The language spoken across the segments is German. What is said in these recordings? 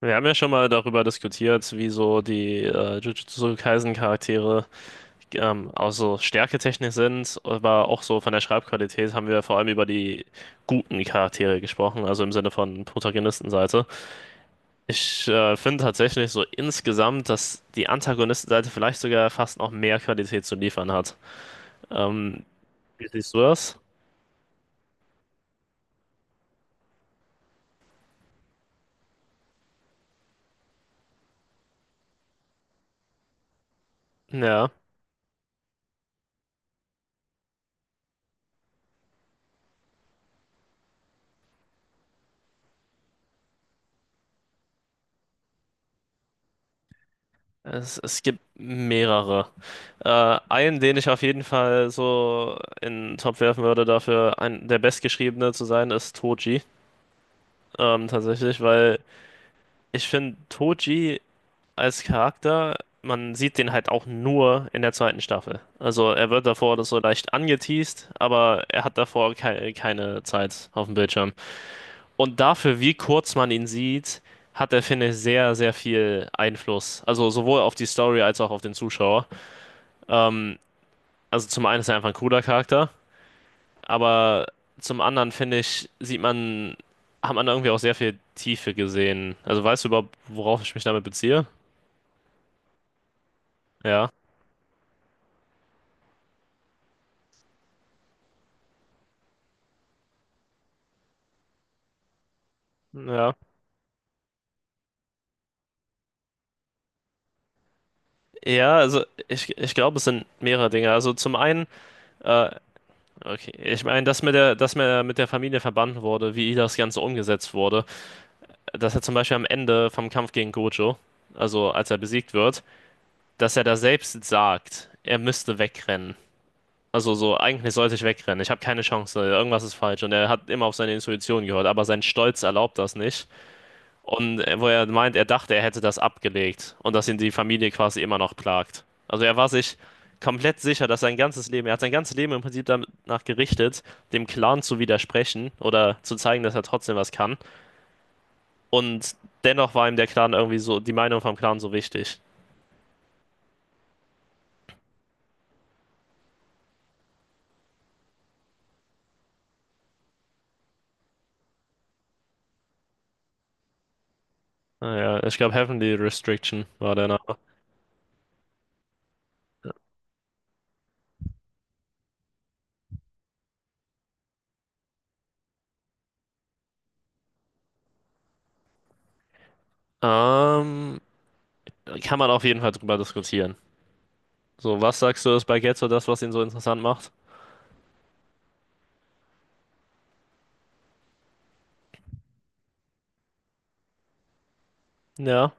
Wir haben ja schon mal darüber diskutiert, wie so die Jujutsu Kaisen Charaktere auch so stärketechnisch sind, aber auch so von der Schreibqualität haben wir vor allem über die guten Charaktere gesprochen, also im Sinne von Protagonistenseite. Ich finde tatsächlich so insgesamt, dass die Antagonistenseite vielleicht sogar fast noch mehr Qualität zu liefern hat. Ähm, wie siehst du das? Ja. Es gibt mehrere. Äh, einen, den ich auf jeden Fall so in den Topf werfen würde, dafür ein, der Bestgeschriebene zu sein, ist Toji. Tatsächlich, weil ich finde, Toji als Charakter, man sieht den halt auch nur in der zweiten Staffel. Also er wird davor das so leicht angeteased, aber er hat davor keine Zeit auf dem Bildschirm. Und dafür, wie kurz man ihn sieht, hat er, finde ich, sehr, sehr viel Einfluss. Also sowohl auf die Story als auch auf den Zuschauer. Ähm, also zum einen ist er einfach ein cooler Charakter, aber zum anderen finde ich, sieht man, hat man da irgendwie auch sehr viel Tiefe gesehen. Also weißt du überhaupt, worauf ich mich damit beziehe? Ja, ja. Ja, also ich glaube, es sind mehrere Dinge. Also zum einen, äh, okay, ich meine, dass mit der, dass mir mit der Familie verbannt wurde, wie das Ganze umgesetzt wurde, dass er zum Beispiel am Ende vom Kampf gegen Gojo, also als er besiegt wird, dass er da selbst sagt, er müsste wegrennen. Also so, eigentlich sollte ich wegrennen. Ich habe keine Chance. Irgendwas ist falsch. Und er hat immer auf seine Intuition gehört, aber sein Stolz erlaubt das nicht. Und wo er meint, er dachte, er hätte das abgelegt und dass ihn die Familie quasi immer noch plagt. Also er war sich komplett sicher, dass sein ganzes Leben, er hat sein ganzes Leben im Prinzip danach gerichtet, dem Clan zu widersprechen oder zu zeigen, dass er trotzdem was kann. Und dennoch war ihm der Clan irgendwie so, die Meinung vom Clan so wichtig. Naja, ich glaube, Heavenly Restriction war der Name. Ähm, kann man auf jeden Fall drüber diskutieren. So, was sagst du, ist bei Getzo das, was ihn so interessant macht? Ja.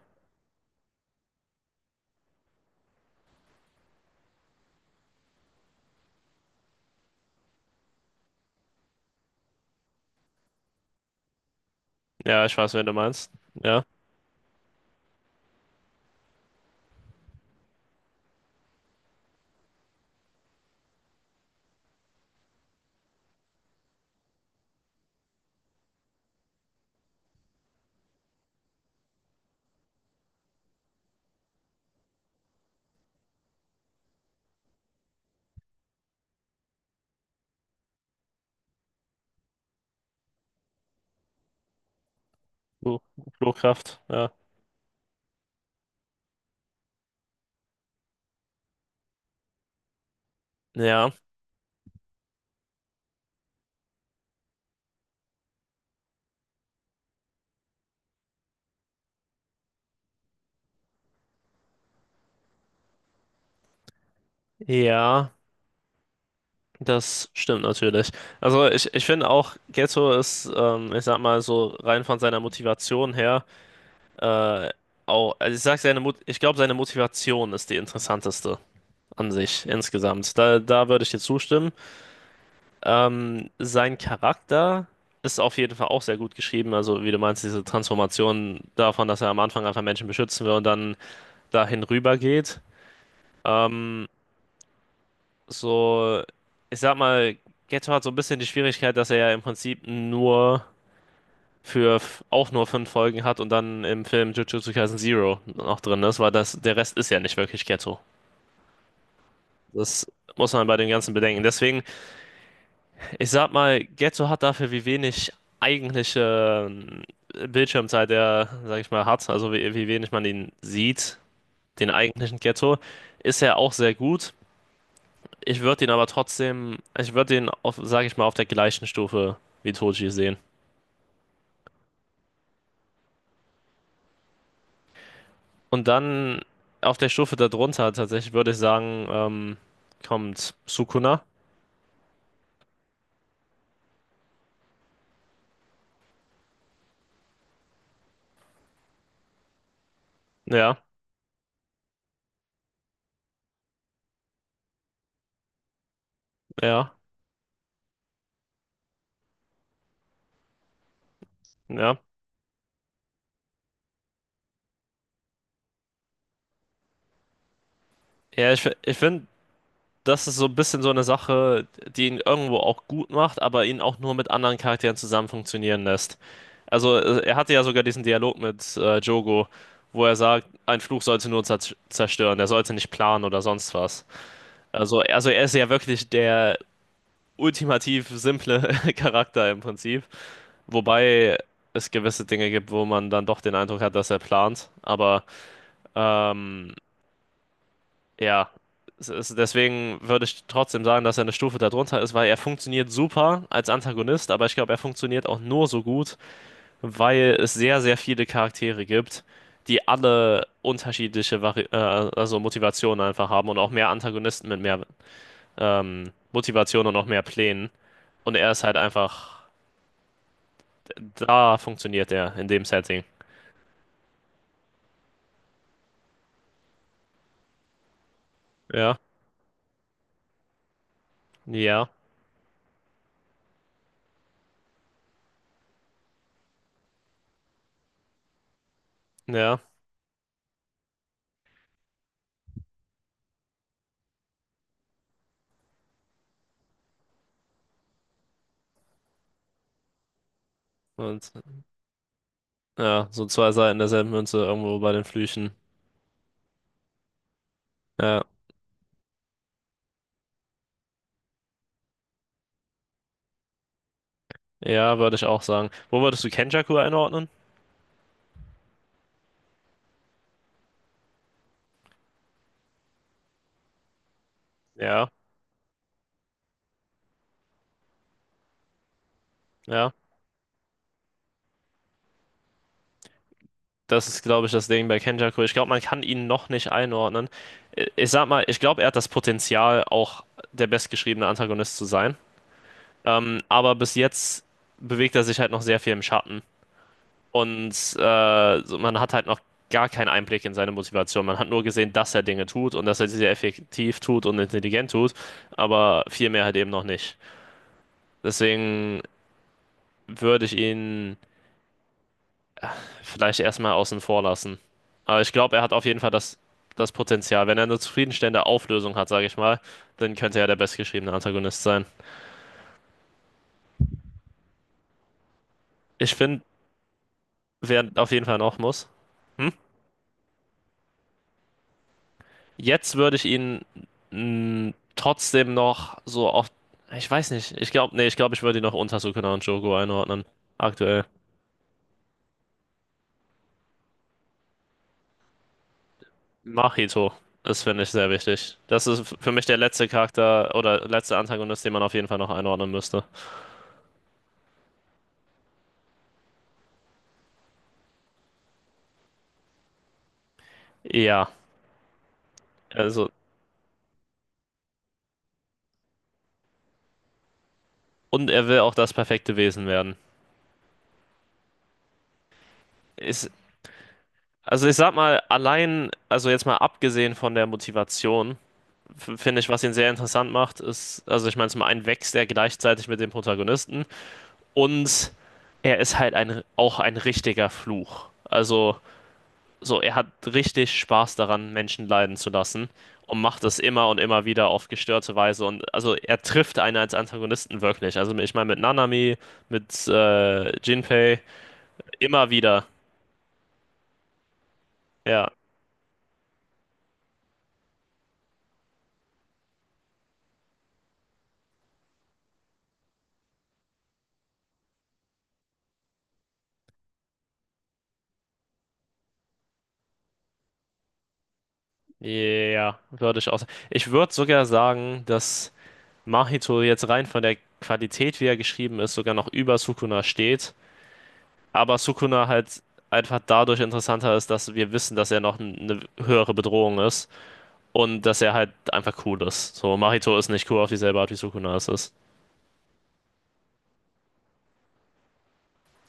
Ja, ich weiß, wen du meinst. Ja. Flo- Flugkraft. Ja. Ja. Ja. Das stimmt natürlich. Also ich finde auch, Getzo ist, ich sag mal so rein von seiner Motivation her, äh, auch, also ich sag seine Mut, ich glaube, seine Motivation ist die interessanteste an sich insgesamt. Da würde ich dir zustimmen. Sein Charakter ist auf jeden Fall auch sehr gut geschrieben. Also, wie du meinst, diese Transformation davon, dass er am Anfang einfach Menschen beschützen will und dann dahin rüber geht. Ähm, so, ich sag mal, Geto hat so ein bisschen die Schwierigkeit, dass er ja im Prinzip nur für auch nur 5 Folgen hat und dann im Film Jujutsu Kaisen Zero noch drin ist, weil das, der Rest ist ja nicht wirklich Geto. Das muss man bei dem Ganzen bedenken. Deswegen. Ich sag mal, Getzo hat dafür, wie wenig eigentliche Bildschirmzeit er, sag ich mal, hat, also wie, wie wenig man ihn sieht, den eigentlichen Getzo, ist er auch sehr gut. Ich würde ihn aber trotzdem, ich würde ihn, auf, sag ich mal, auf der gleichen Stufe wie Toji sehen. Und dann auf der Stufe darunter tatsächlich würde ich sagen, kommt Sukuna. Ja, ja, ja. Ja, ich finde, das ist so ein bisschen so eine Sache, die ihn irgendwo auch gut macht, aber ihn auch nur mit anderen Charakteren zusammen funktionieren lässt. Also er hatte ja sogar diesen Dialog mit Jogo, wo er sagt, ein Fluch sollte nur zerstören, er sollte nicht planen oder sonst was. Also er ist ja wirklich der ultimativ simple Charakter im Prinzip. Wobei es gewisse Dinge gibt, wo man dann doch den Eindruck hat, dass er plant. Aber ähm, Ja, es ist, deswegen würde ich trotzdem sagen, dass er eine Stufe darunter ist, weil er funktioniert super als Antagonist, aber ich glaube, er funktioniert auch nur so gut, weil es sehr, sehr viele Charaktere gibt, die alle unterschiedliche Vari also Motivationen einfach haben und auch mehr Antagonisten mit mehr Motivation und auch mehr Plänen. Und er ist halt einfach, da funktioniert er in dem Setting. Ja, ja, ja. Und ja, so zwei Seiten derselben Münze irgendwo bei den Flüchen. Ja. Ja, würde ich auch sagen. Wo würdest du Kenjaku einordnen? Ja, ja. Das ist, glaube ich, das Ding bei Kenjaku. Ich glaube, man kann ihn noch nicht einordnen. Ich sag mal, ich glaube, er hat das Potenzial, auch der bestgeschriebene Antagonist zu sein. Aber bis jetzt bewegt er sich halt noch sehr viel im Schatten. Und so, man hat halt noch gar keinen Einblick in seine Motivation. Man hat nur gesehen, dass er Dinge tut und dass er sie sehr effektiv tut und intelligent tut. Aber viel mehr halt eben noch nicht. Deswegen würde ich ihn. Vielleicht erstmal außen vor lassen. Aber ich glaube, er hat auf jeden Fall das Potenzial. Wenn er eine zufriedenstellende Auflösung hat, sage ich mal, dann könnte er der bestgeschriebene Antagonist sein. Ich finde, wer auf jeden Fall noch muss. Hm? Jetzt würde ich ihn trotzdem noch so auf. Ich weiß nicht. Ich glaube, ich würde ihn noch unter Sukuna und Jogo einordnen. Aktuell. Mahito ist, finde ich, sehr wichtig. Das ist für mich der letzte Charakter oder letzte Antagonist, den man auf jeden Fall noch einordnen müsste. Ja, also. Und er will auch das perfekte Wesen werden. Ist, also ich sag mal, allein, also jetzt mal abgesehen von der Motivation, finde ich, was ihn sehr interessant macht, ist, also ich meine, zum einen wächst er gleichzeitig mit dem Protagonisten und er ist halt ein, auch ein richtiger Fluch. Also so, er hat richtig Spaß daran, Menschen leiden zu lassen und macht es immer und immer wieder auf gestörte Weise. Und also er trifft einen als Antagonisten wirklich. Also ich meine, mit Nanami, mit Jinpei, immer wieder. Ja. Ja, würde ich auch sagen. Ich würde sogar sagen, dass Mahito jetzt rein von der Qualität, wie er geschrieben ist, sogar noch über Sukuna steht. Aber Sukuna halt einfach dadurch interessanter ist, dass wir wissen, dass er noch eine höhere Bedrohung ist und dass er halt einfach cool ist. So, Mahito ist nicht cool auf dieselbe Art, wie Sukuna es ist.